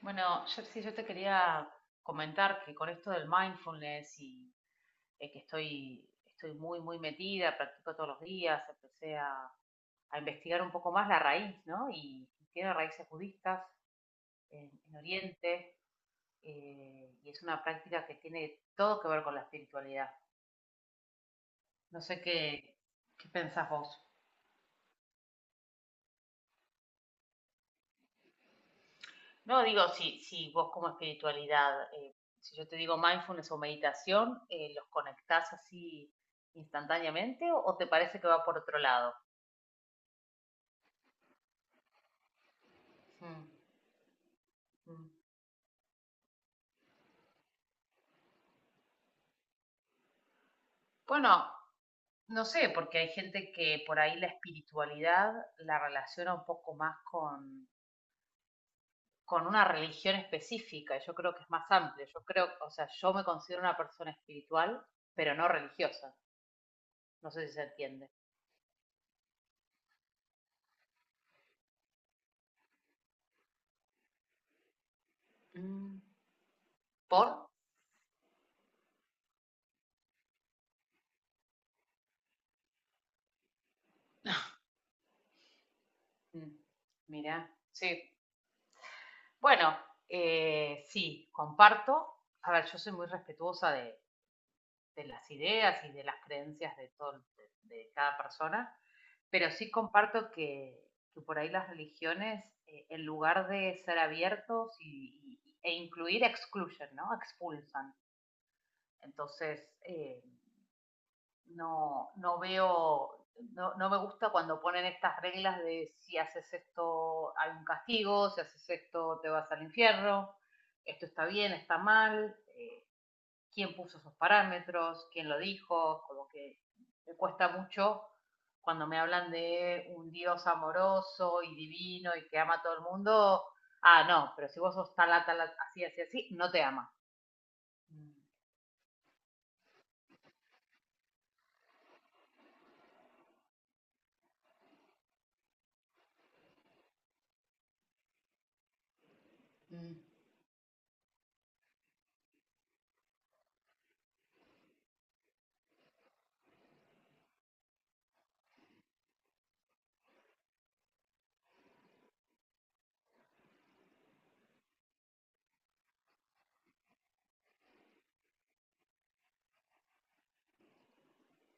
Bueno, yo, sí, yo te quería comentar que con esto del mindfulness y que estoy muy, muy metida, practico todos los días, empecé a investigar un poco más la raíz, ¿no? Y tiene raíces budistas en Oriente, y es una práctica que tiene todo que ver con la espiritualidad. No sé qué, ¿Qué pensás vos? No, digo, si vos como espiritualidad, si yo te digo mindfulness o meditación, ¿los conectás así instantáneamente o te parece que va por otro lado? Mm, mm. Bueno, no sé, porque hay gente que por ahí la espiritualidad la relaciona un poco más con una religión específica. Yo creo que es más amplio. Yo creo, o sea, yo me considero una persona espiritual, pero no religiosa. No sé si se entiende. Mm, ¿por? Mm, mira, sí. Bueno, sí, comparto. A ver, yo soy muy respetuosa de las ideas y de las creencias de todo, de cada persona, pero sí comparto que por ahí las religiones, en lugar de ser abiertos e incluir, excluyen, ¿no? Expulsan. Entonces, no veo, no me gusta cuando ponen estas reglas de si haces esto hay un castigo, si haces esto te vas al infierno, esto está bien, está mal, quién puso esos parámetros, quién lo dijo, como que me cuesta mucho cuando me hablan de un Dios amoroso y divino y que ama a todo el mundo. Ah, no, pero si vos sos tal, tal, así, así, así, no te ama. Mm.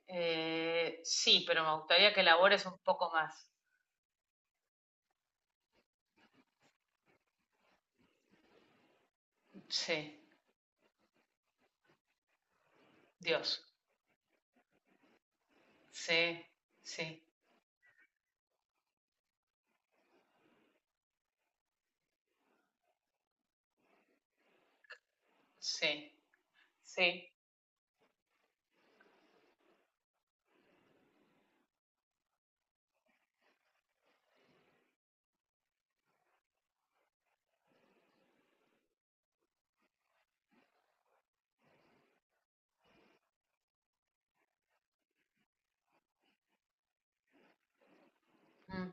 Sí, pero me gustaría que elabores un poco más. Sí, Dios. Sí, sí, sí, sí. Mm.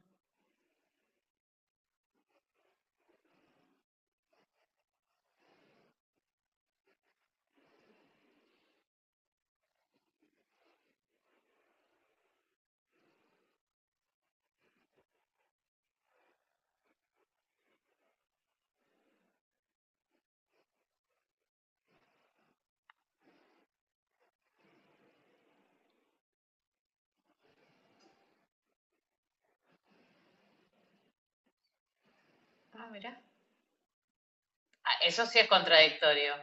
Ah, mira, eso sí es contradictorio.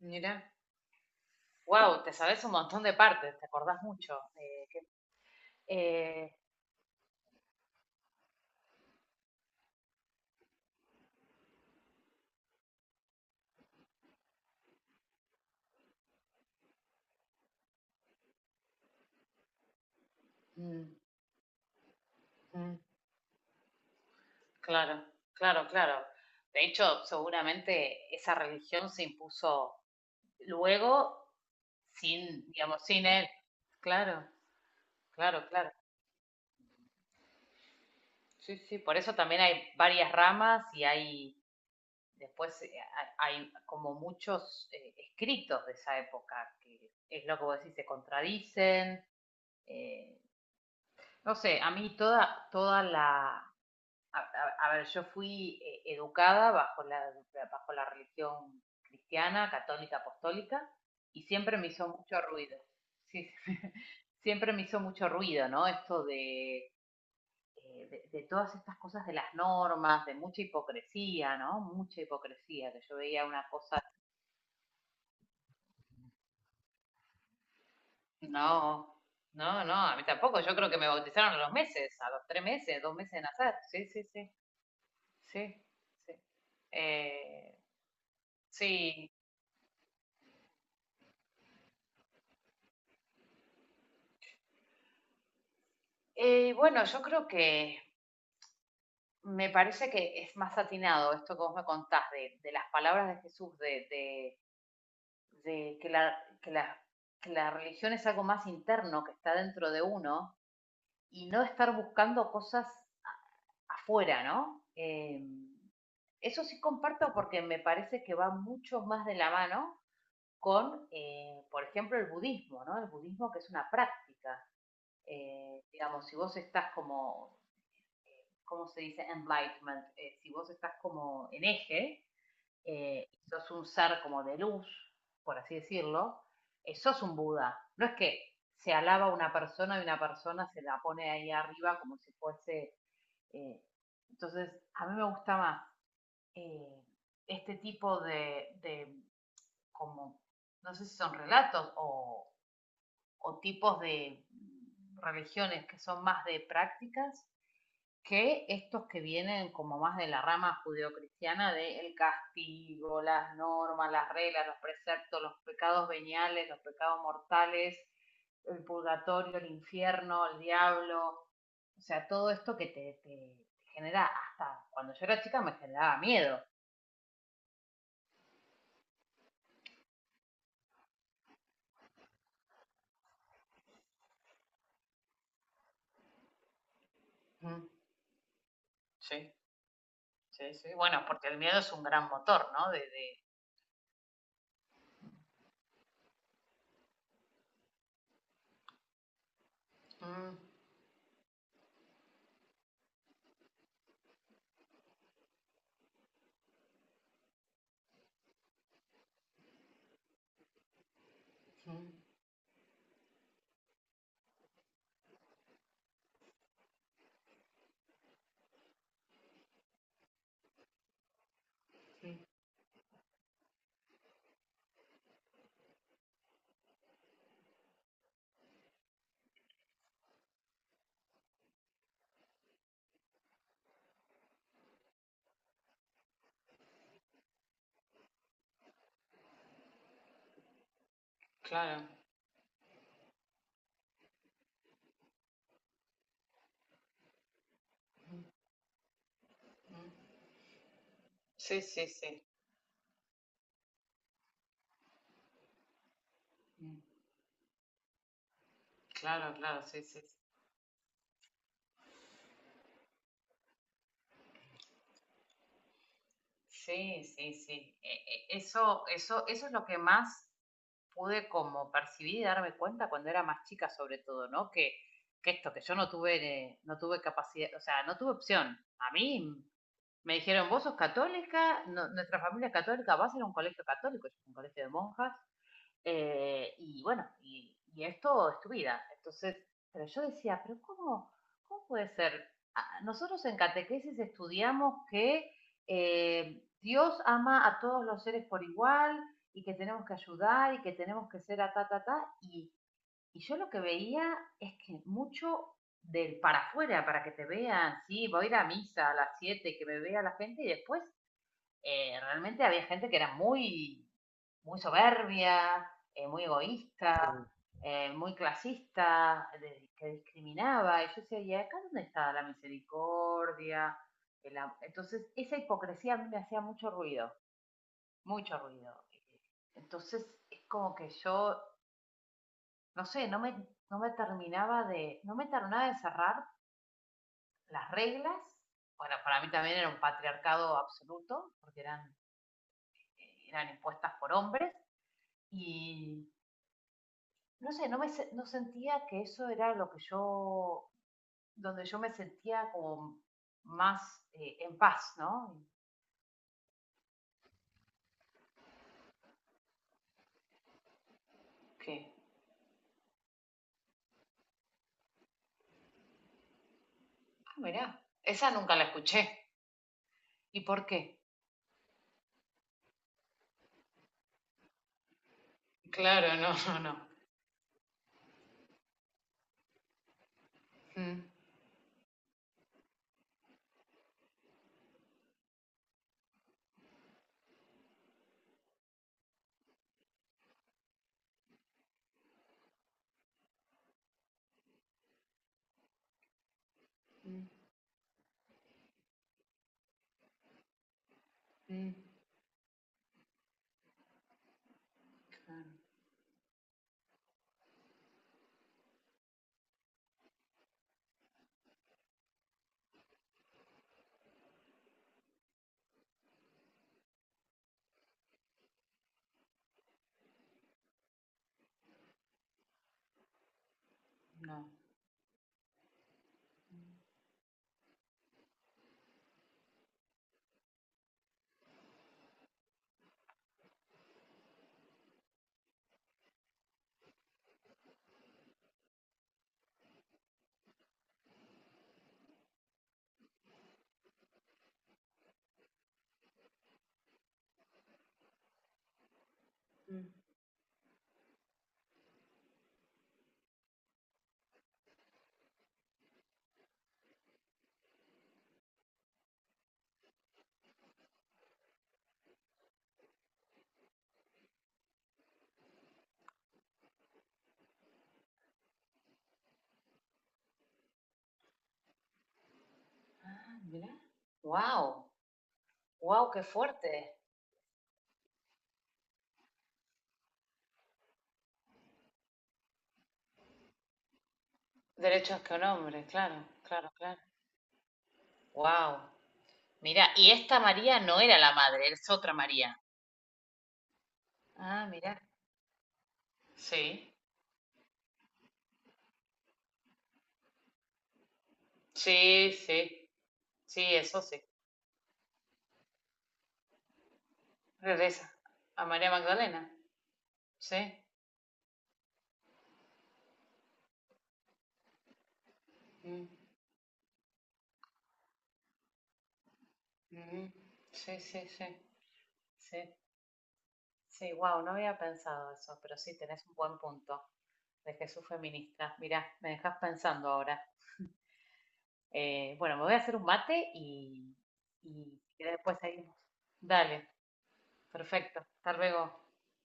Mira. Wow, te sabes un montón de partes, te acordás mucho. Eh, mm, mm, claro, claro, claro. De hecho, seguramente esa religión se impuso luego sin, digamos, sin él. Claro, claro, claro. Sí, sí, por eso también hay varias ramas y hay después hay como muchos escritos de esa época, que es lo que vos decís, se contradicen. eh, no sé, a mí toda, toda la... a ver, yo fui educada bajo bajo la religión cristiana, católica, apostólica, y siempre me hizo mucho ruido. Sí, siempre me hizo mucho ruido, ¿no? Esto de de todas estas cosas de las normas, de mucha hipocresía, ¿no? Mucha hipocresía, que yo veía una cosa. No, no, no, a mí tampoco. Yo creo que me bautizaron a los meses, a los 3 meses, 2 meses de nacer. Sí, sí, sí, sí, sí. Eh, sí. Bueno, yo creo que me parece que es más atinado esto que vos me contás de las palabras de Jesús, de que la, que la religión es algo más interno que está dentro de uno y no estar buscando cosas afuera, ¿no? Eso sí comparto porque me parece que va mucho más de la mano con, por ejemplo, el budismo, ¿no? El budismo que es una práctica. Digamos, si vos estás como, ¿cómo se dice? Enlightenment. Si vos estás como en eje, sos un ser como de luz, por así decirlo, sos un Buda. No es que se alaba a una persona y una persona se la pone ahí arriba como si fuese, eh, entonces, a mí me gusta más eh, este tipo como, no sé si son relatos o tipos de religiones que son más de prácticas que estos que vienen como más de la rama judeocristiana de el castigo, las normas, las reglas, los preceptos, los pecados veniales, los pecados mortales, el purgatorio, el infierno, el diablo, o sea, todo esto que te genera, hasta cuando yo era chica me generaba miedo. Mm, sí, sí, sí. Bueno, porque el miedo es un gran motor, ¿no? De- Mm, mm, mm, claro. Mm, mm. Sí, sí, sí. Mm, claro, claro, sí, sí, sí. Sí, sí, sí. E- eso, eso, eso es lo que más pude como percibir y darme cuenta cuando era más chica, sobre todo, ¿no? Que esto, que yo no tuve, no tuve capacidad, o sea, no tuve opción. A mí me dijeron, vos sos católica, nuestra familia es católica, vas a ir a un colegio católico, yo fui a un colegio de monjas, y bueno, y esto es tu vida. Entonces, pero yo decía, pero ¿cómo, cómo puede ser? Ah, nosotros en catequesis estudiamos que Dios ama a todos los seres por igual y que tenemos que ayudar y que tenemos que ser a ta, ta, ta. Y yo lo que veía es que mucho del para afuera, para que te vean, sí, voy a ir a misa a las 7 que me vea la gente y después realmente había gente que era muy, muy soberbia, muy egoísta, muy clasista, que discriminaba. Y yo decía, ¿y acá dónde está la misericordia? El entonces, esa hipocresía a mí me hacía mucho ruido, mucho ruido. Entonces, es como que yo, no sé, no me terminaba de, no me terminaba de cerrar las reglas. Bueno, para mí también era un patriarcado absoluto, porque eran, eran impuestas por hombres y no sé, no sentía que eso era lo que yo, donde yo me sentía como más en paz, ¿no? ¿Qué? Ah, mirá. Esa nunca la escuché. ¿Y por qué? Claro, no, no, no. Mm, mm, mm, claro, no. Mm, mm. Ah, mirá. Wow, wow, qué fuerte. Derechos que un hombre, claro, claro, claro. Wow. Mirá, y esta María no era la madre, es otra María. Ah, mirá. Sí. Sí, sí, sí, eso sí. Regresa a María Magdalena. Sí. Mm, mm, sí, sí, sí, sí. Sí, wow, no había pensado eso, pero sí, tenés un buen punto de Jesús feminista. Mirá, me dejas pensando ahora. Bueno, me voy a hacer un mate y si querés después seguimos. Dale, perfecto. Hasta luego.